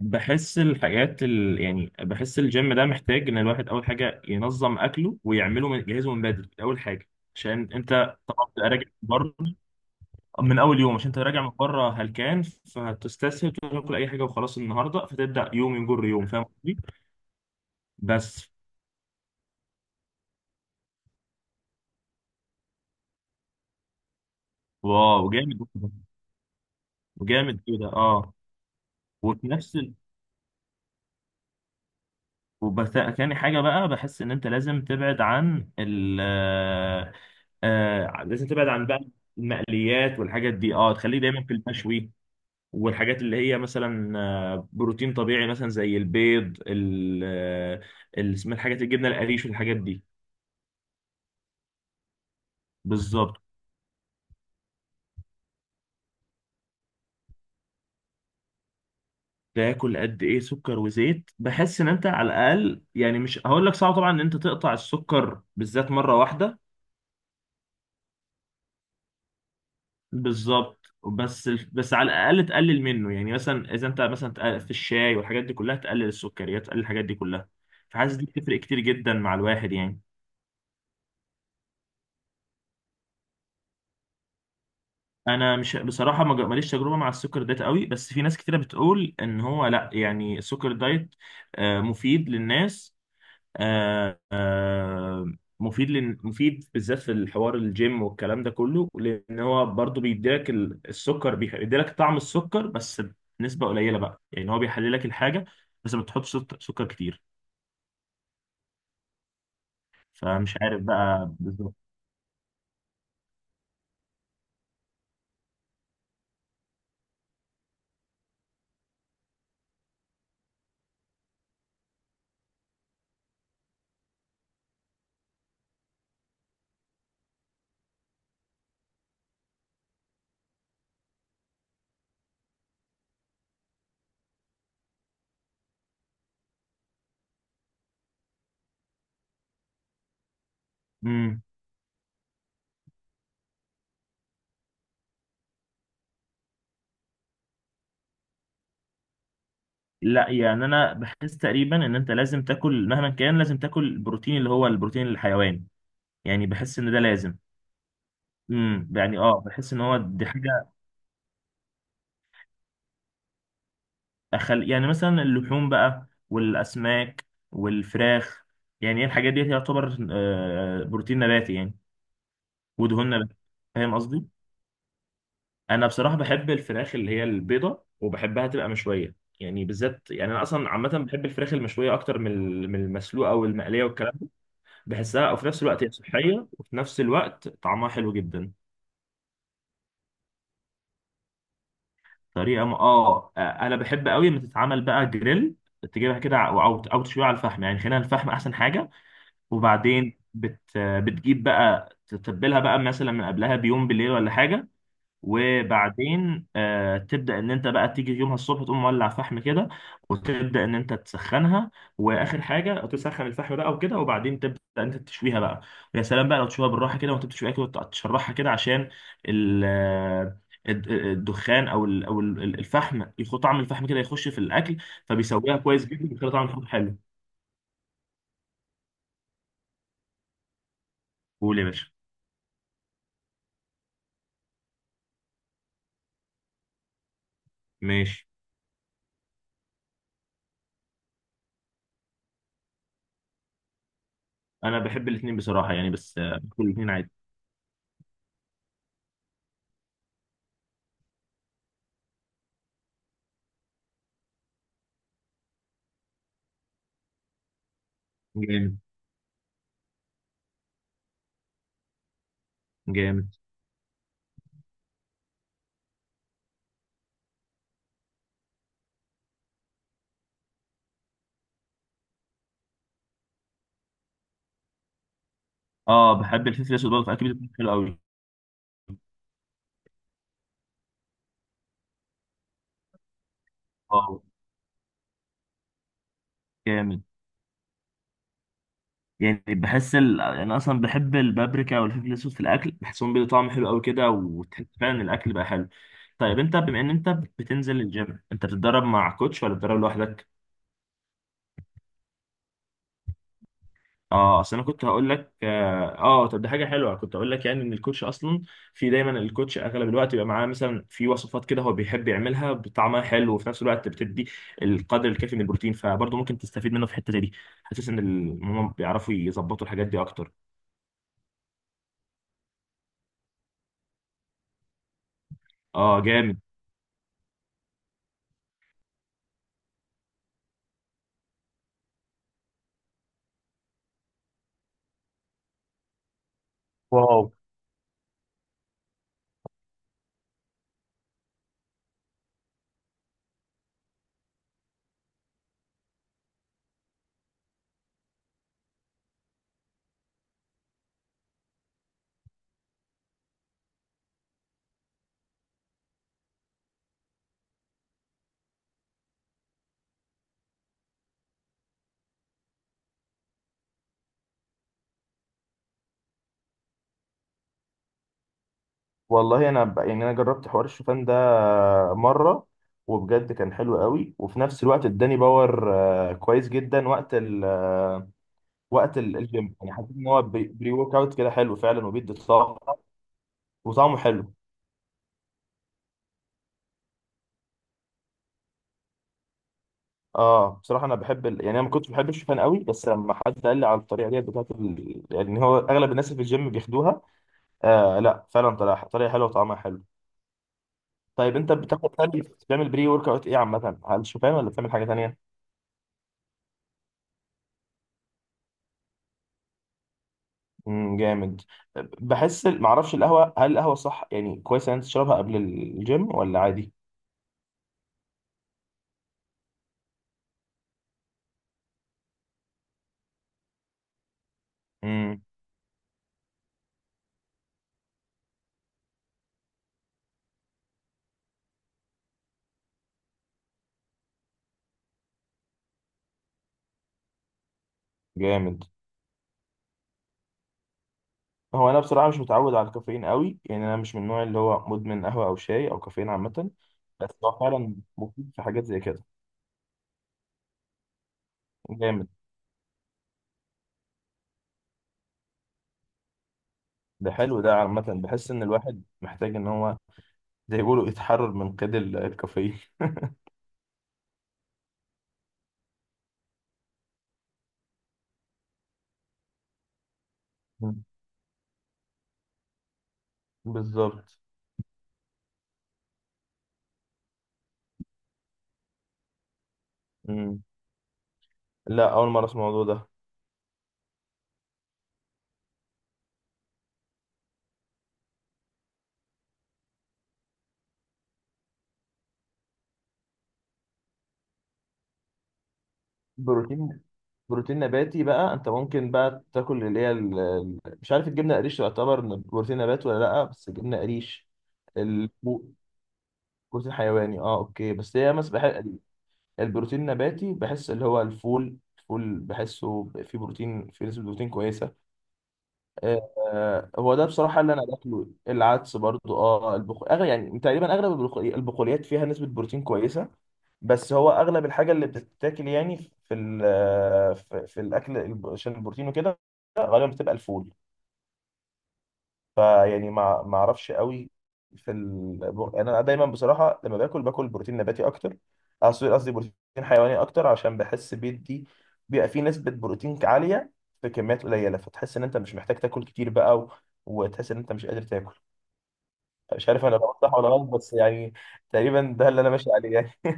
بحس الحاجات ال... يعني بحس الجيم ده محتاج ان الواحد اول حاجه ينظم اكله ويعمله يجهزه من بدري اول حاجه. عشان انت طبعا بتبقى راجع من بره. من اول يوم عشان انت راجع من بره هلكان، فهتستسهل تاكل اي حاجه وخلاص النهارده، فتبدا يوم يجر يوم. فاهم قصدي؟ بس واو جامد. وجامد كده، اه. وفي نفس وبس تاني حاجة بقى، بحس إن أنت لازم تبعد عن ال آه، آه، لازم تبعد عن بقى المقليات والحاجات دي، اه، تخليه دايما في المشوي. والحاجات اللي هي مثلا بروتين طبيعي، مثلا زي البيض اسمها الحاجات الجبنة القريش والحاجات دي. بالظبط. تاكل قد ايه سكر وزيت؟ بحس ان انت على الاقل، يعني مش هقول لك صعب طبعا ان انت تقطع السكر بالذات مره واحده. بالظبط، بس على الاقل تقلل منه. يعني مثلا اذا انت مثلا في الشاي والحاجات دي كلها تقلل السكريات، تقلل الحاجات دي كلها. فحاسس دي بتفرق كتير جدا مع الواحد يعني. انا مش بصراحه ما جا- ماليش تجربه مع السكر دايت قوي، بس في ناس كتيره بتقول ان هو لا، يعني السكر دايت مفيد للناس. آه، آه، مفيد لن... مفيد بالذات في الحوار الجيم والكلام ده كله، لان هو برضو بيديلك السكر، بيديلك طعم السكر بس بنسبه قليله بقى. يعني هو بيحللك الحاجه بس ما بتحطش سكر كتير. فمش عارف بقى بالظبط. امم، لا يعني انا بحس تقريبا ان انت لازم تاكل، مهما كان لازم تاكل البروتين اللي هو البروتين الحيواني. يعني بحس ان ده لازم. امم، يعني اه بحس ان هو دي حاجه. يعني مثلا اللحوم بقى والأسماك والفراخ. يعني هي الحاجات دي تعتبر بروتين نباتي يعني، ودهون نباتي. فاهم قصدي؟ أنا بصراحة بحب الفراخ اللي هي البيضة، وبحبها تبقى مشوية. يعني بالذات، يعني أنا أصلا عامة بحب الفراخ المشوية أكتر من من المسلوقة والمقلية والكلام ده. بحسها وفي نفس الوقت هي صحية، وفي نفس الوقت طعمها حلو جدا. طريقة م... آه آه، أنا بحب قوي لما تتعمل بقى جريل. تجيبها كده، أو أو تشويها على الفحم. يعني خلينا الفحم أحسن حاجة. وبعدين بتجيب بقى تتبلها بقى مثلا من قبلها بيوم بالليل ولا حاجة. وبعدين آه تبدأ ان انت بقى تيجي يومها الصبح تقوم مولع فحم كده، وتبدأ ان انت تسخنها. واخر حاجة تسخن الفحم بقى وكده، وبعدين تبدأ انت تشويها بقى. ويا سلام بقى لو تشويها بالراحة كده وانت بتشويها كده وتشرحها كده عشان ال آه، الدخان الفحم، يخو طعم الفحم كده يخش في الاكل. فبيسويها كويس جدا، بيخلي طعم الفحم حلو. قول يا باشا. ماشي. انا بحب الاثنين بصراحه، يعني بس باكل الاثنين عادي. جامد. جامد. اه، بحب الفلفل الاسود برضه في اكل، بيكون حلو قوي. اه جامد. يعني بحس انا اصلا بحب البابريكا والفلفل الاسود في الاكل، بحسهم بيدوا طعم حلو قوي كده، وتحس فعلا إن الاكل بقى حلو. طيب انت بما ان انت بتنزل الجيم، انت بتتدرب مع كوتش ولا بتتدرب لوحدك؟ اه، اصل انا كنت هقول لك اه، طب دي حاجه حلوه، كنت هقول لك يعني ان الكوتش اصلا، في دايما الكوتش اغلب الوقت بيبقى معاه مثلا في وصفات كده هو بيحب يعملها بطعمها حلو، وفي نفس الوقت بتدي القدر الكافي من البروتين. فبرضه ممكن تستفيد منه في الحته دي. حاسس ان هم بيعرفوا يظبطوا الحاجات دي اكتر. اه جامد. واو. والله يعني انا جربت حوار الشوفان ده مره، وبجد كان حلو قوي، وفي نفس الوقت اداني باور كويس جدا وقت الجيم. يعني حسيت ان هو بري ورك اوت كده حلو فعلا، وبيدي طاقه وطعمه حلو. اه بصراحه انا بحب يعني انا ما كنتش بحب الشوفان قوي، بس لما حد قال لي على الطريقه دي بتاعت يعني هو اغلب الناس اللي في الجيم بياخدوها. آه لا فعلا طريقه حلوه وطعمها حلو. طيب انت بتاخد تاني، بتعمل بري ورك اوت ايه عامه؟ على الشوفان ولا بتعمل حاجه تانيه؟ جامد. بحس معرفش القهوه، هل القهوه صح يعني كويس ان انت تشربها قبل الجيم ولا عادي؟ امم جامد. هو انا بصراحه مش متعود على الكافيين قوي، يعني انا مش من النوع اللي هو مدمن قهوه او شاي او كافيين عامه. بس هو فعلا مفيد في حاجات زي كده. جامد. ده حلو ده عامه، بحس ان الواحد محتاج ان هو زي ما بيقولوا يتحرر من قيد الكافيين. مم. بالظبط. مم. لا اول مره اسمع الموضوع ده. بروتين، بروتين نباتي بقى انت ممكن بقى تاكل اللي هي مش عارف الجبنه قريش تعتبر من بروتين نبات ولا لا، بس الجبنه قريش، ال- بروتين حيواني، اه اوكي. بس هي مثلا البروتين النباتي بحس اللي هو الفول، الفول بحسه فيه بروتين، فيه نسبة بروتين كويسة. هو ده بصراحة اللي أنا باكله، العدس برضو اه. أغلب يعني تقريبا أغلب البقوليات فيها نسبة بروتين كويسة. بس هو أغلب الحاجة اللي بتتاكل يعني في في الأكل عشان البروتين وكده، غالبا بتبقى الفول. فيعني ما اعرفش قوي في انا دايما بصراحه لما باكل باكل بروتين نباتي اكتر. قصدي بروتين حيواني اكتر، عشان بحس بيدي، بيبقى فيه نسبه بروتين عاليه في كميات قليله، فتحس ان انت مش محتاج تاكل كتير بقى، وتحس ان انت مش قادر تاكل. مش عارف انا لو صح ولا غلط بس يعني تقريبا ده اللي انا ماشي عليه يعني.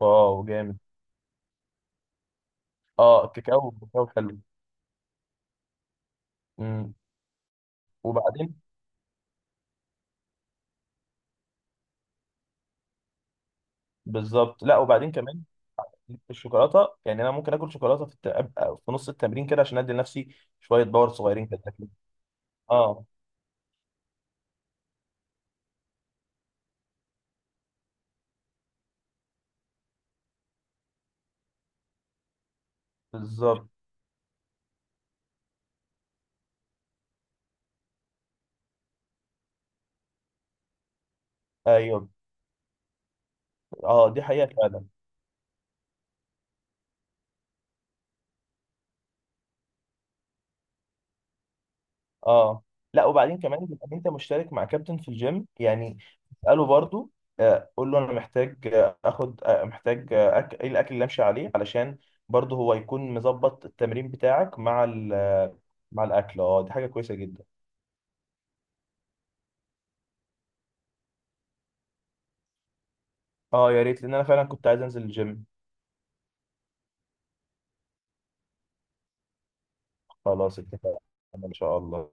واو جامد. اه الكاكاو، الكاكاو حلو. امم. وبعدين بالظبط. لا وبعدين كمان الشوكولاته، يعني انا ممكن اكل شوكولاته في أبقى في نص التمرين كده عشان ادي لنفسي شويه باور صغيرين كده. اه. بالظبط. ايوه. اه دي حقيقه فعلا. اه، لا وبعدين كمان بيبقى انت مشترك مع كابتن في الجيم يعني، اساله برضو. قول له انا محتاج اخد، محتاج، ايه الاكل اللي امشي عليه، علشان برضو هو يكون مظبط التمرين بتاعك مع ال... آه، مع الاكل. اه دي حاجه كويسه جدا. اه يا ريت، لان انا فعلا كنت عايز انزل الجيم. خلاص اتفقنا. ان شاء الله.